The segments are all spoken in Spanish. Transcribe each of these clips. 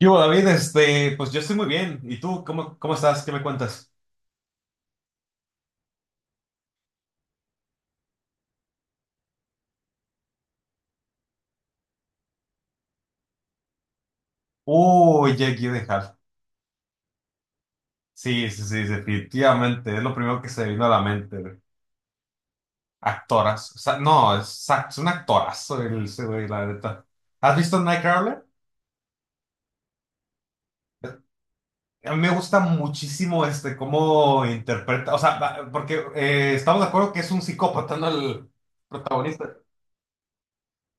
Yo, David, pues yo estoy muy bien. ¿Y tú? ¿Cómo estás? ¿Qué me cuentas? Uy, Jake Gyllenhaal. Sí, sí, sí, definitivamente. Es lo primero que se vino a la mente, güey. Actoras. O sea, no, es, es un actorazo el ese güey, la neta. ¿Has visto Nightcrawler? A mí me gusta muchísimo cómo interpreta. O sea, porque estamos de acuerdo que es un psicópata, ¿no? El protagonista.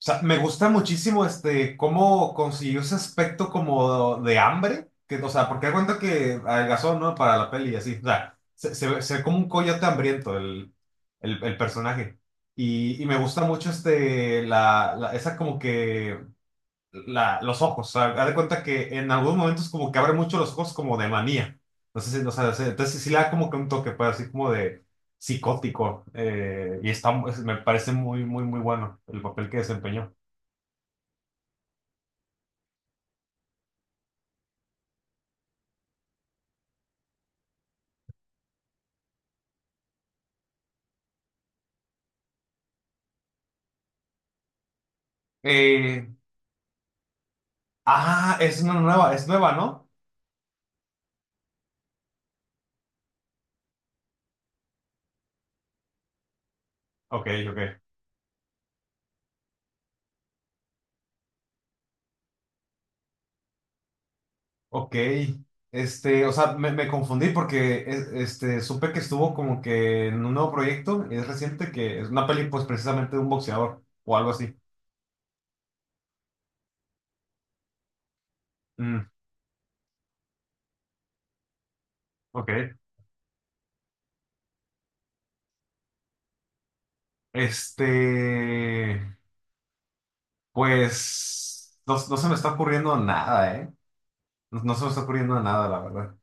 O sea, me gusta muchísimo este cómo consiguió ese aspecto como de hambre, que, o sea, porque da cuenta que adelgazó, ¿no? Para la peli y así. O sea, se, se ve como un coyote hambriento el personaje. Y me gusta mucho esa como que, la, los ojos. O sea, haz de cuenta que en algunos momentos como que abre mucho los ojos como de manía. No sé si- o sea, entonces sí le da como que un toque, pues, así como de psicótico. Y está, me parece muy, muy, muy bueno el papel que desempeñó. Eh, ah, es una nueva, es nueva, ¿no? Ok, ok. Ok. O sea, me confundí porque este, supe que estuvo como que en un nuevo proyecto, y es reciente, que es una peli, pues precisamente de un boxeador o algo así. Mm, ok. Este, pues no, no se me está ocurriendo nada, ¿eh? No, no se me está ocurriendo nada, la verdad.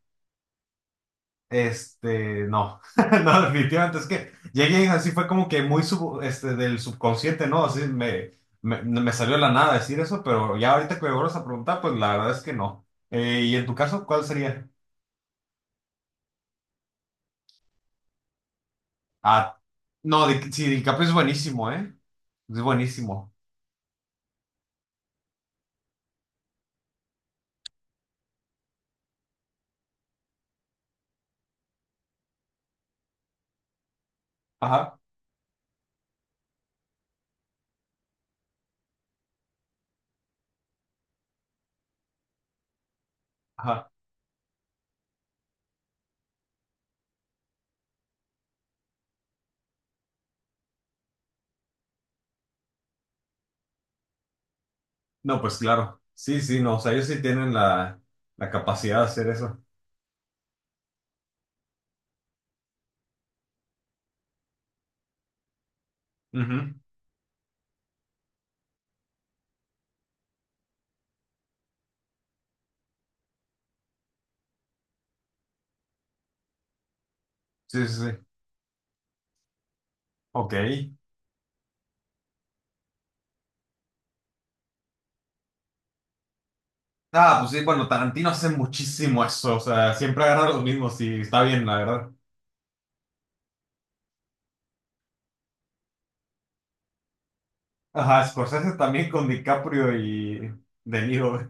No, no, definitivamente es que llegué así fue como que muy este, del subconsciente, ¿no? Así me salió de la nada decir eso, pero ya ahorita que me vuelves a preguntar, pues la verdad es que no. ¿Y en tu caso, cuál sería? Ah, no, sí, DiCaprio es buenísimo, ¿eh? Es buenísimo. Ajá, ajá. No, pues claro. Sí, sí, no, o sea, ellos sí tienen la capacidad de hacer eso. Ujú. Sí, sí, sí. Ok. Ah, pues sí, bueno, Tarantino hace muchísimo eso, o sea, siempre agarra los mismos y está bien, la verdad. Ajá, Scorsese también con DiCaprio y De Niro, güey.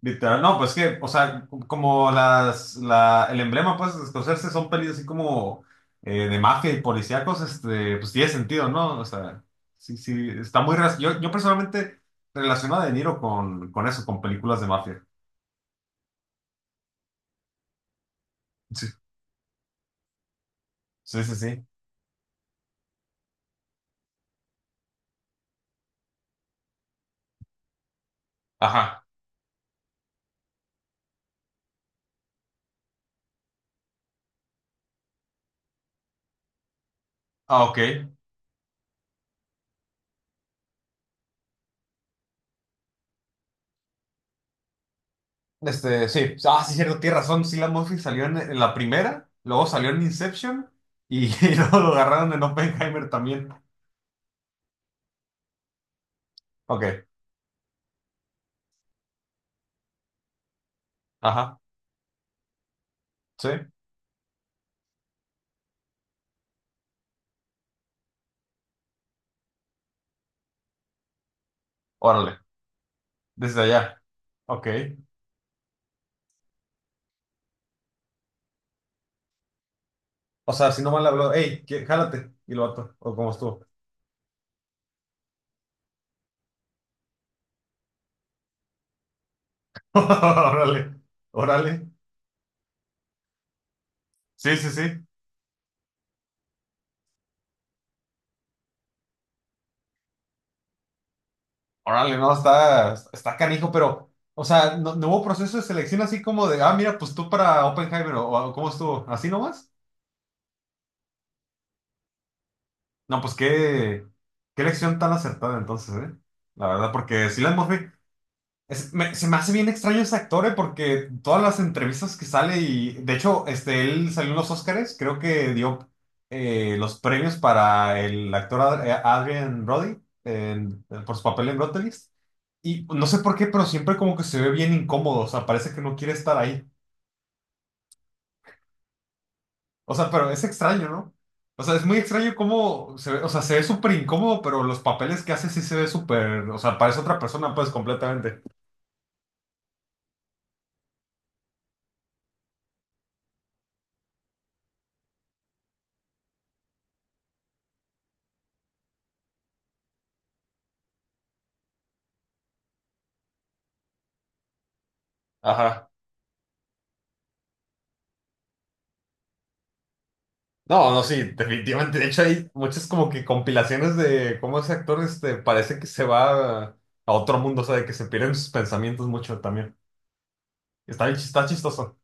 Literal. No, pues que, o sea, como el emblema, pues, de Scorsese son pelis así como de mafia y policíacos, pues tiene sentido, ¿no? O sea, sí, sí, está muy... Yo personalmente relaciono a De Niro con eso, con películas de mafia. Sí, sí, sí, sí. Ajá. Ah, ok. Sí, ah, sí, cierto, tienes razón. Sí, la Murphy salió en la primera, luego salió en Inception y, y luego lo agarraron en Oppenheimer también. Ok, ajá, sí, órale, desde allá. Ok, o sea, si no mal habló, hey, jálate, y lo vato, o como estuvo. Órale, órale, sí, sí, sí, órale, no, está, está canijo, pero, o sea, no, no hubo proceso de selección así como de, ah, mira, pues tú para Oppenheimer, o cómo estuvo, así nomás. No, pues qué, qué elección tan acertada entonces, ¿eh? La verdad, porque Cillian Murphy se me hace bien extraño ese actor, ¿eh? Porque todas las entrevistas que sale y, de hecho, él salió en los Óscares, creo que dio los premios para el actor Adrien Brody por su papel en Brutalist. Y no sé por qué, pero siempre como que se ve bien incómodo, o sea, parece que no quiere estar ahí. O sea, pero es extraño, ¿no? O sea, es muy extraño cómo se ve, o sea, se ve súper incómodo, pero los papeles que hace sí se ve súper, o sea, parece otra persona, pues, completamente. Ajá. No, no, sí, definitivamente. De hecho, hay muchas como que compilaciones de cómo ese actor, parece que se va a otro mundo, o sea, de que se pierden sus pensamientos mucho también. Está bien, está chistoso.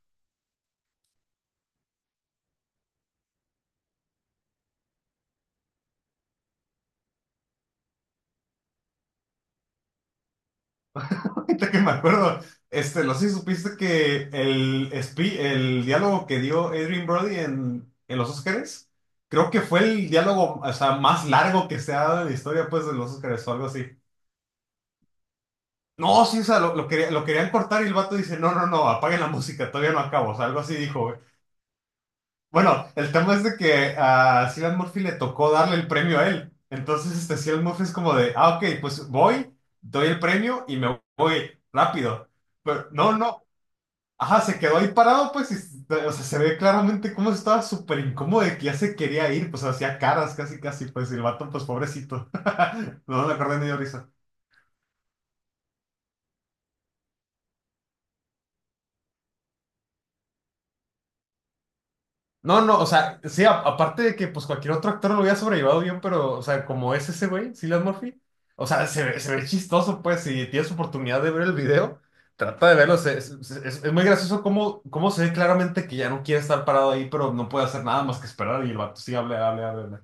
Ahorita que me acuerdo, no sé si supiste que el diálogo que dio Adrien Brody en los Óscares, creo que fue el diálogo, o sea, más largo que se ha dado en la historia, pues, de los Óscares o algo así. No, sí, o sea, lo querían cortar y el vato dice, no, no, no, apaguen la música, todavía no acabo, o sea, algo así dijo, güey. Bueno, el tema es de que a Cillian Murphy le tocó darle el premio a él. Entonces, Cillian Murphy es como de, ah, ok, pues voy, doy el premio y me voy rápido. Pero, no, no. Ajá, se quedó ahí parado, pues, y, o sea, se ve claramente cómo estaba súper incómodo de que ya se quería ir, pues, hacía caras casi, casi, pues, y el vato, pues, pobrecito. No me acordé ni de risa. No, no, o sea, sí, aparte de que, pues, cualquier otro actor lo hubiera sobrellevado bien, pero, o sea, como es ese güey, Cillian Murphy, o sea, se ve chistoso, pues, si tienes oportunidad de ver el video, trata de verlo, es muy gracioso cómo, cómo se ve claramente que ya no quiere estar parado ahí, pero no puede hacer nada más que esperar y el vato sí, hable, hable, hable.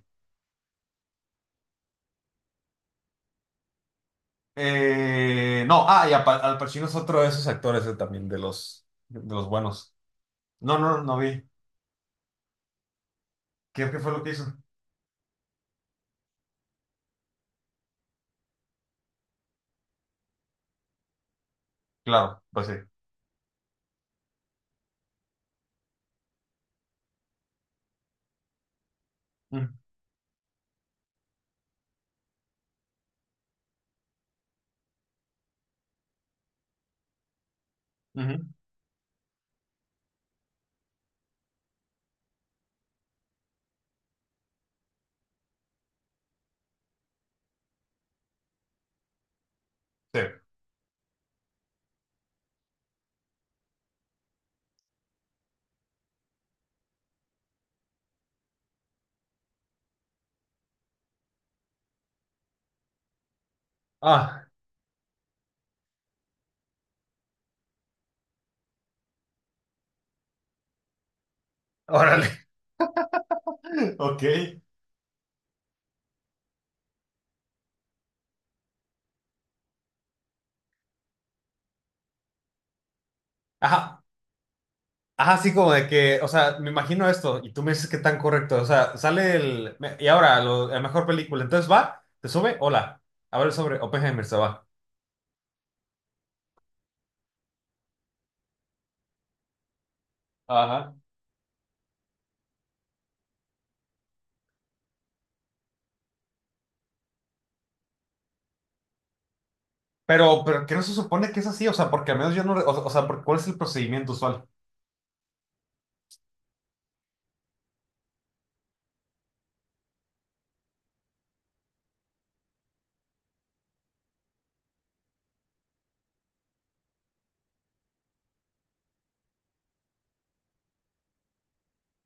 No, ah, y Al Pacino es otro de esos actores también, de los buenos. No, no, no vi. ¿Qué, qué fue lo que hizo? Claro, pues sí. Mm, ujú, sí. Ah, órale. Ok. Ajá, ajá, así como de que, o sea, me imagino esto y tú me dices que tan correcto, o sea, sale el, y ahora, la mejor película, entonces va, te sube, hola, abre el sobre, Oppenheimer se va. Ajá. Pero que no se supone que es así, o sea, porque al menos yo no, o sea, ¿cuál es el procedimiento usual?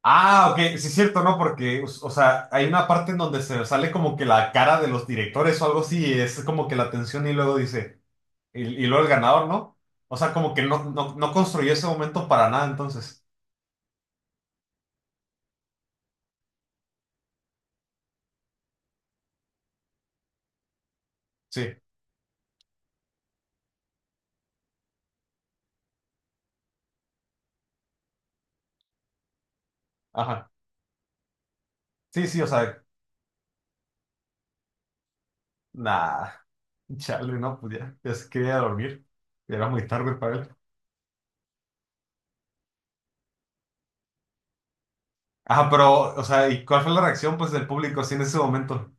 Ah, ok, sí es cierto, ¿no? Porque, o sea, hay una parte en donde se sale como que la cara de los directores o algo así, y es como que la tensión y luego dice, y luego el ganador, ¿no? O sea, como que no, no, no construyó ese momento para nada, entonces. Sí, ajá. Sí, sí, o sea, nada. Chale, no, pues ya, ya se quería dormir. Ya era muy tarde para él. Ajá, pero, o sea, ¿y cuál fue la reacción, pues, del público así en ese momento?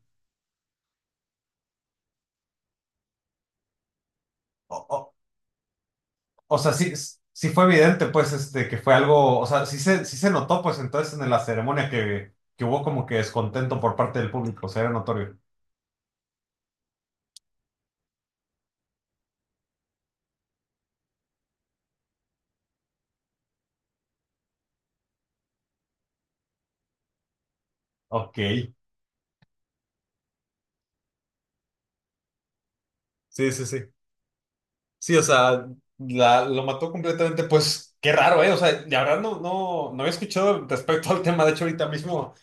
O sea, sí, sí fue evidente, pues, que fue algo, o sea, sí se notó, pues, entonces en la ceremonia que hubo como que descontento por parte del público, o sea, era notorio. Ok. Sí, sí, sí. Sí, o sea, lo mató completamente. Pues qué raro, ¿eh? O sea, de verdad no, no, no había escuchado respecto al tema. De hecho, ahorita mismo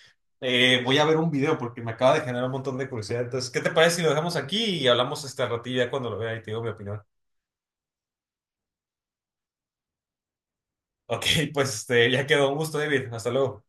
voy a ver un video porque me acaba de generar un montón de curiosidad. Entonces, ¿qué te parece si lo dejamos aquí y hablamos este ratilla cuando lo vea y te digo mi opinión? Ok, pues ya quedó. Un gusto, David. Hasta luego.